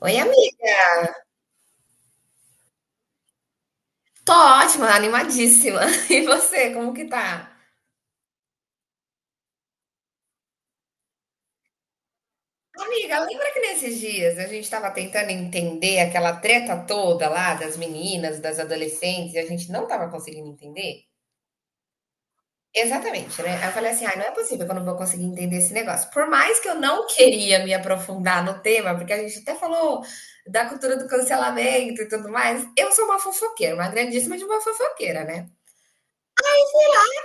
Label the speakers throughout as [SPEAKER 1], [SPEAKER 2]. [SPEAKER 1] Oi, amiga. Tô ótima, animadíssima. E você, como que tá? Amiga, lembra que nesses dias a gente tava tentando entender aquela treta toda lá das meninas, das adolescentes, e a gente não tava conseguindo entender? Exatamente, né? Aí eu falei assim, ai, não é possível que eu não vou conseguir entender esse negócio. Por mais que eu não queria me aprofundar no tema, porque a gente até falou da cultura do cancelamento e tudo mais, eu sou uma fofoqueira, uma grandíssima de uma fofoqueira, né?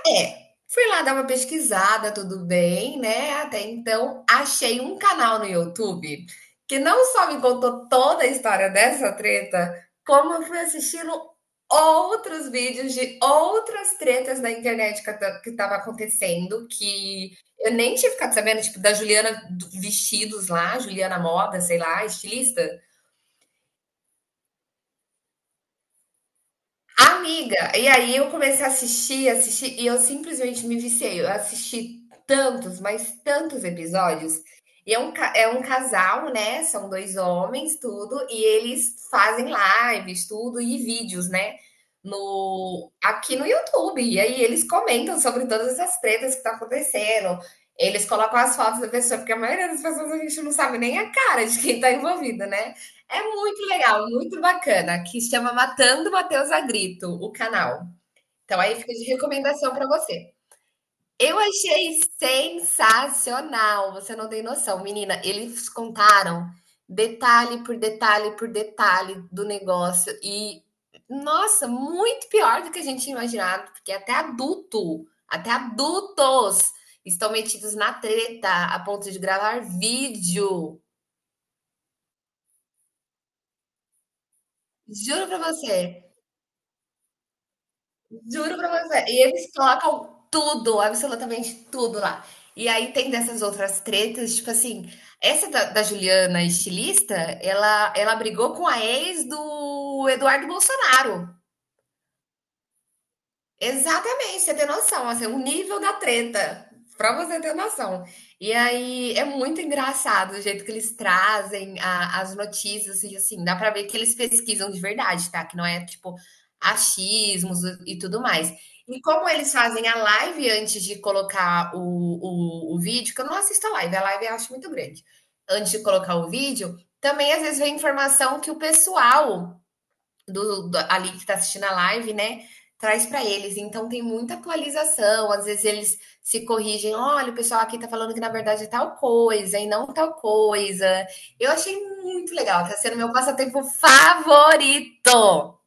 [SPEAKER 1] É, fui lá dar uma pesquisada, tudo bem, né? Até então, achei um canal no YouTube que não só me contou toda a história dessa treta, como eu fui assistindo outros vídeos de outras tretas na internet que tava acontecendo, que eu nem tinha ficado sabendo, tipo, da Vestidos lá, Juliana Moda, sei lá, estilista. Amiga, e aí eu comecei a assistir, assistir, e eu simplesmente me viciei. Eu assisti tantos, mas tantos episódios. E é um casal, né? São dois homens, tudo, e eles fazem lives, tudo, e vídeos, né? No, aqui no YouTube. E aí eles comentam sobre todas essas tretas que tá acontecendo. Eles colocam as fotos da pessoa, porque a maioria das pessoas a gente não sabe nem a cara de quem tá envolvido, né? É muito legal, muito bacana, que chama Matando Matheus a Grito, o canal. Então aí fica de recomendação para você. Eu achei sensacional, você não tem noção, menina. Eles contaram detalhe por detalhe por detalhe do negócio e nossa, muito pior do que a gente tinha imaginado, porque até adultos estão metidos na treta a ponto de gravar vídeo. Juro para você. Juro pra você. E eles colocam tudo, absolutamente tudo lá. E aí tem dessas outras tretas, tipo assim, essa da Juliana, estilista, ela brigou com a ex do Eduardo Bolsonaro. Exatamente, você tem noção, assim, o nível da treta, pra você ter noção. E aí é muito engraçado o jeito que eles trazem as notícias, e assim, dá pra ver que eles pesquisam de verdade, tá? Que não é tipo achismos e tudo mais. E como eles fazem a live antes de colocar o vídeo, que eu não assisto a live eu acho muito grande. Antes de colocar o vídeo, também às vezes vem informação que o pessoal ali que está assistindo a live, né? Traz para eles. Então tem muita atualização. Às vezes eles se corrigem. Olha, o pessoal aqui está falando que na verdade é tal coisa e não tal coisa. Eu achei muito legal. Está sendo meu passatempo favorito.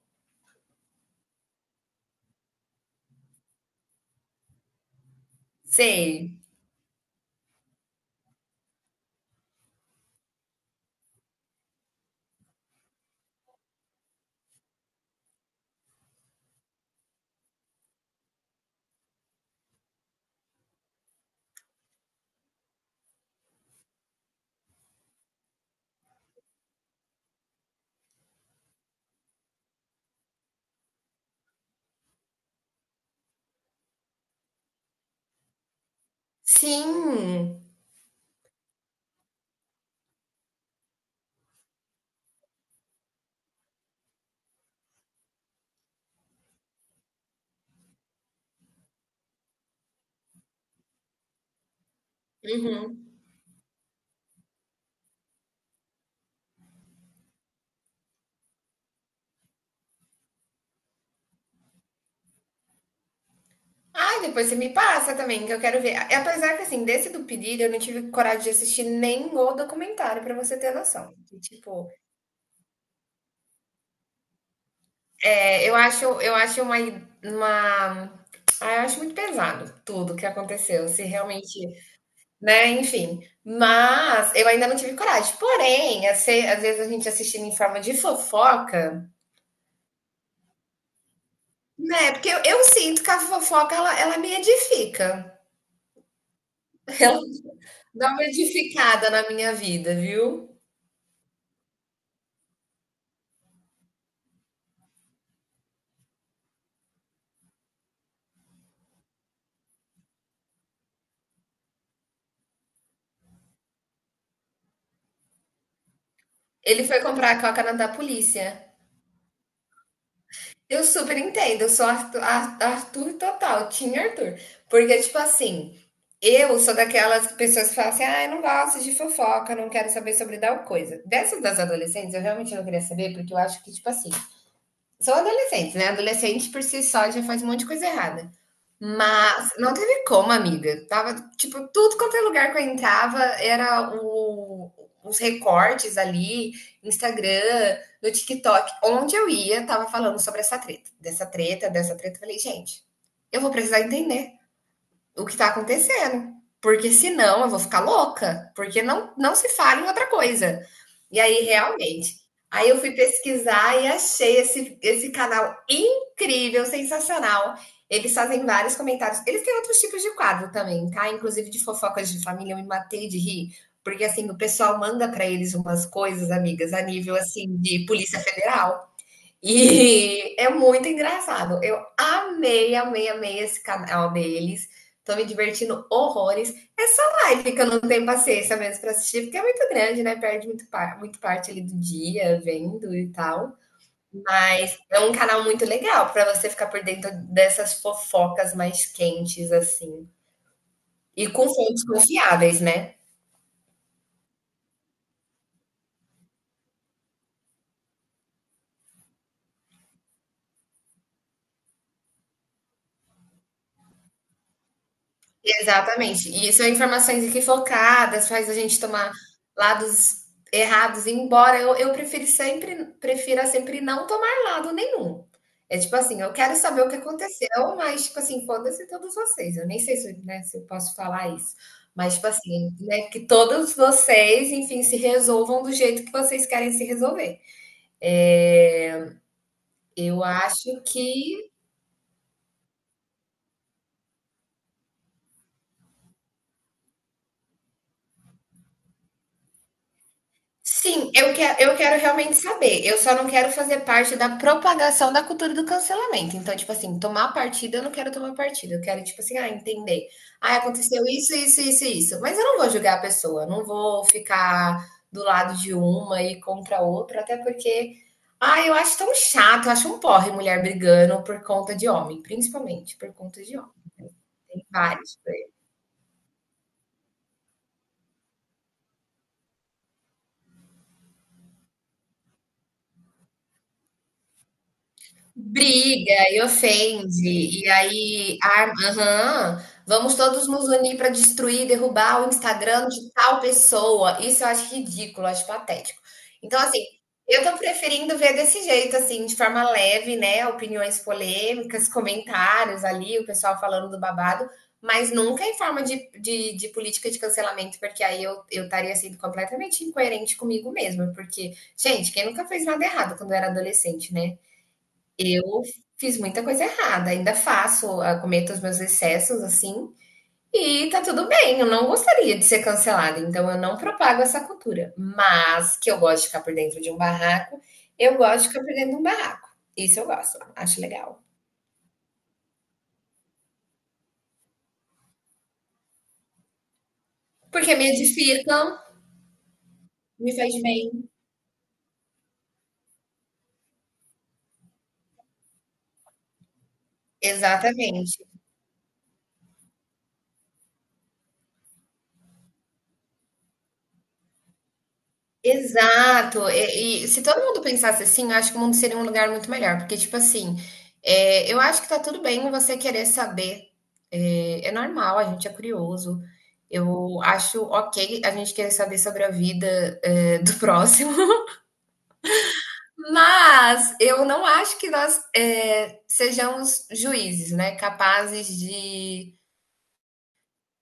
[SPEAKER 1] Sei. Sim. Uhum. Ah, depois você me passa também, que eu quero ver. Apesar que, assim, desse do pedido, eu não tive coragem de assistir nem o documentário, para você ter noção. Tipo, é, eu acho uma, ah, eu acho muito pesado tudo que aconteceu, se realmente, né, enfim. Mas eu ainda não tive coragem. Porém, às vezes a gente assistindo em forma de fofoca, né? Porque eu sinto que a fofoca ela me edifica. Ela dá uma edificada na minha vida, viu? Ele foi comprar a coca na da polícia. Eu super entendo, eu sou Arthur total, Team Arthur. Porque, tipo assim, eu sou daquelas pessoas que falam assim, ah, eu não gosto de fofoca, não quero saber sobre tal coisa. Dessas das adolescentes, eu realmente não queria saber, porque eu acho que, tipo assim, são adolescentes, né? Adolescente por si só já faz um monte de coisa errada. Mas não teve como, amiga. Tava, tipo, tudo quanto é lugar que eu entrava era os recortes ali, Instagram, no TikTok. Onde eu ia, tava falando sobre essa treta. Dessa treta, dessa treta. Eu falei, gente, eu vou precisar entender o que está acontecendo. Porque senão eu vou ficar louca, porque não se fala em outra coisa. E aí, realmente, aí eu fui pesquisar e achei esse canal incrível, sensacional. Eles fazem vários comentários. Eles têm outros tipos de quadro também, tá? Inclusive de fofocas de família, eu me matei de rir. Porque, assim, o pessoal manda para eles umas coisas, amigas, a nível, assim, de Polícia Federal. E é muito engraçado. Eu amei, amei, amei esse canal deles. Tô me divertindo horrores. Essa live que eu não tenho paciência mesmo pra assistir, porque é muito grande, né? Perde muito, muito parte ali do dia vendo e tal. Mas é um canal muito legal pra você ficar por dentro dessas fofocas mais quentes, assim. E com fontes confiáveis, né? Exatamente. E são informações equivocadas, faz a gente tomar lados errados, embora eu, prefira sempre não tomar lado nenhum. É tipo assim, eu quero saber o que aconteceu, mas tipo assim, foda-se todos vocês. Eu nem sei se, né, se eu posso falar isso. Mas tipo assim, né, que todos vocês, enfim, se resolvam do jeito que vocês querem se resolver. É, eu acho que sim, eu quero realmente saber. Eu só não quero fazer parte da propagação da cultura do cancelamento. Então, tipo assim, tomar partido, eu não quero tomar partido. Eu quero, tipo assim, ah, entender. Ah, aconteceu isso, isso, isso, e isso. Mas eu não vou julgar a pessoa, não vou ficar do lado de uma e contra a outra, até porque, ah, eu acho tão chato, eu acho um porre mulher brigando por conta de homem, principalmente por conta de homem. Tem vários. Briga e ofende, e aí, ah, aham, vamos todos nos unir para destruir, derrubar o Instagram de tal pessoa. Isso eu acho ridículo, acho patético. Então, assim, eu tô preferindo ver desse jeito, assim, de forma leve, né? Opiniões polêmicas, comentários ali, o pessoal falando do babado, mas nunca em forma de política de cancelamento, porque aí eu estaria sendo completamente incoerente comigo mesma. Porque, gente, quem nunca fez nada errado quando era adolescente, né? Eu fiz muita coisa errada, ainda faço, ah, cometo os meus excessos, assim, e tá tudo bem. Eu não gostaria de ser cancelada, então eu não propago essa cultura. Mas que eu gosto de ficar por dentro de um barraco, eu gosto de ficar por dentro de um barraco. Isso eu gosto, acho legal. Porque me edifica, me faz bem. Exatamente. Exato. E se todo mundo pensasse assim, eu acho que o mundo seria um lugar muito melhor. Porque, tipo assim, é, eu acho que tá tudo bem você querer saber. É, é normal, a gente é curioso. Eu acho ok a gente querer saber sobre a vida, é, do próximo. Mas eu não acho que nós, é, sejamos juízes, né? Capazes de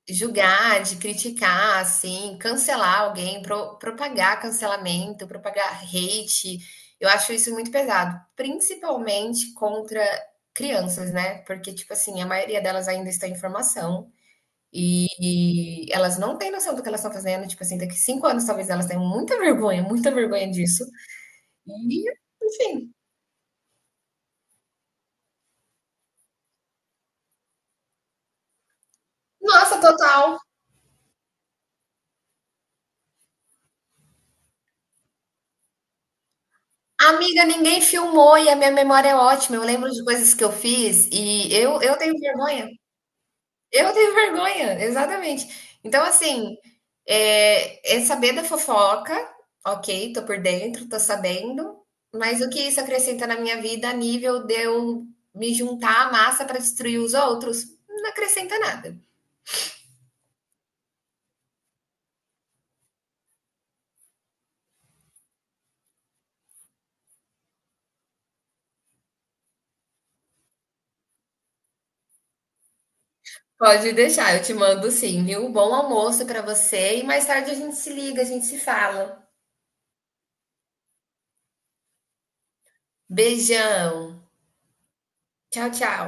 [SPEAKER 1] julgar, de criticar, assim, cancelar alguém, propagar cancelamento, propagar hate. Eu acho isso muito pesado, principalmente contra crianças, né? Porque, tipo assim, a maioria delas ainda está em formação e, e elas não têm noção do que elas estão fazendo. Tipo assim, daqui 5 anos talvez elas tenham muita vergonha disso. E, enfim, nossa, total. Amiga, ninguém filmou e a minha memória é ótima. Eu lembro de coisas que eu fiz e eu tenho vergonha. Eu tenho vergonha, exatamente. Então, assim, é, é saber da fofoca, ok, tô por dentro, tô sabendo, mas o que isso acrescenta na minha vida a nível de eu me juntar à massa para destruir os outros? Não acrescenta nada. Pode deixar, eu te mando sim, viu? Bom almoço para você e mais tarde a gente se liga, a gente se fala. Beijão. Tchau, tchau.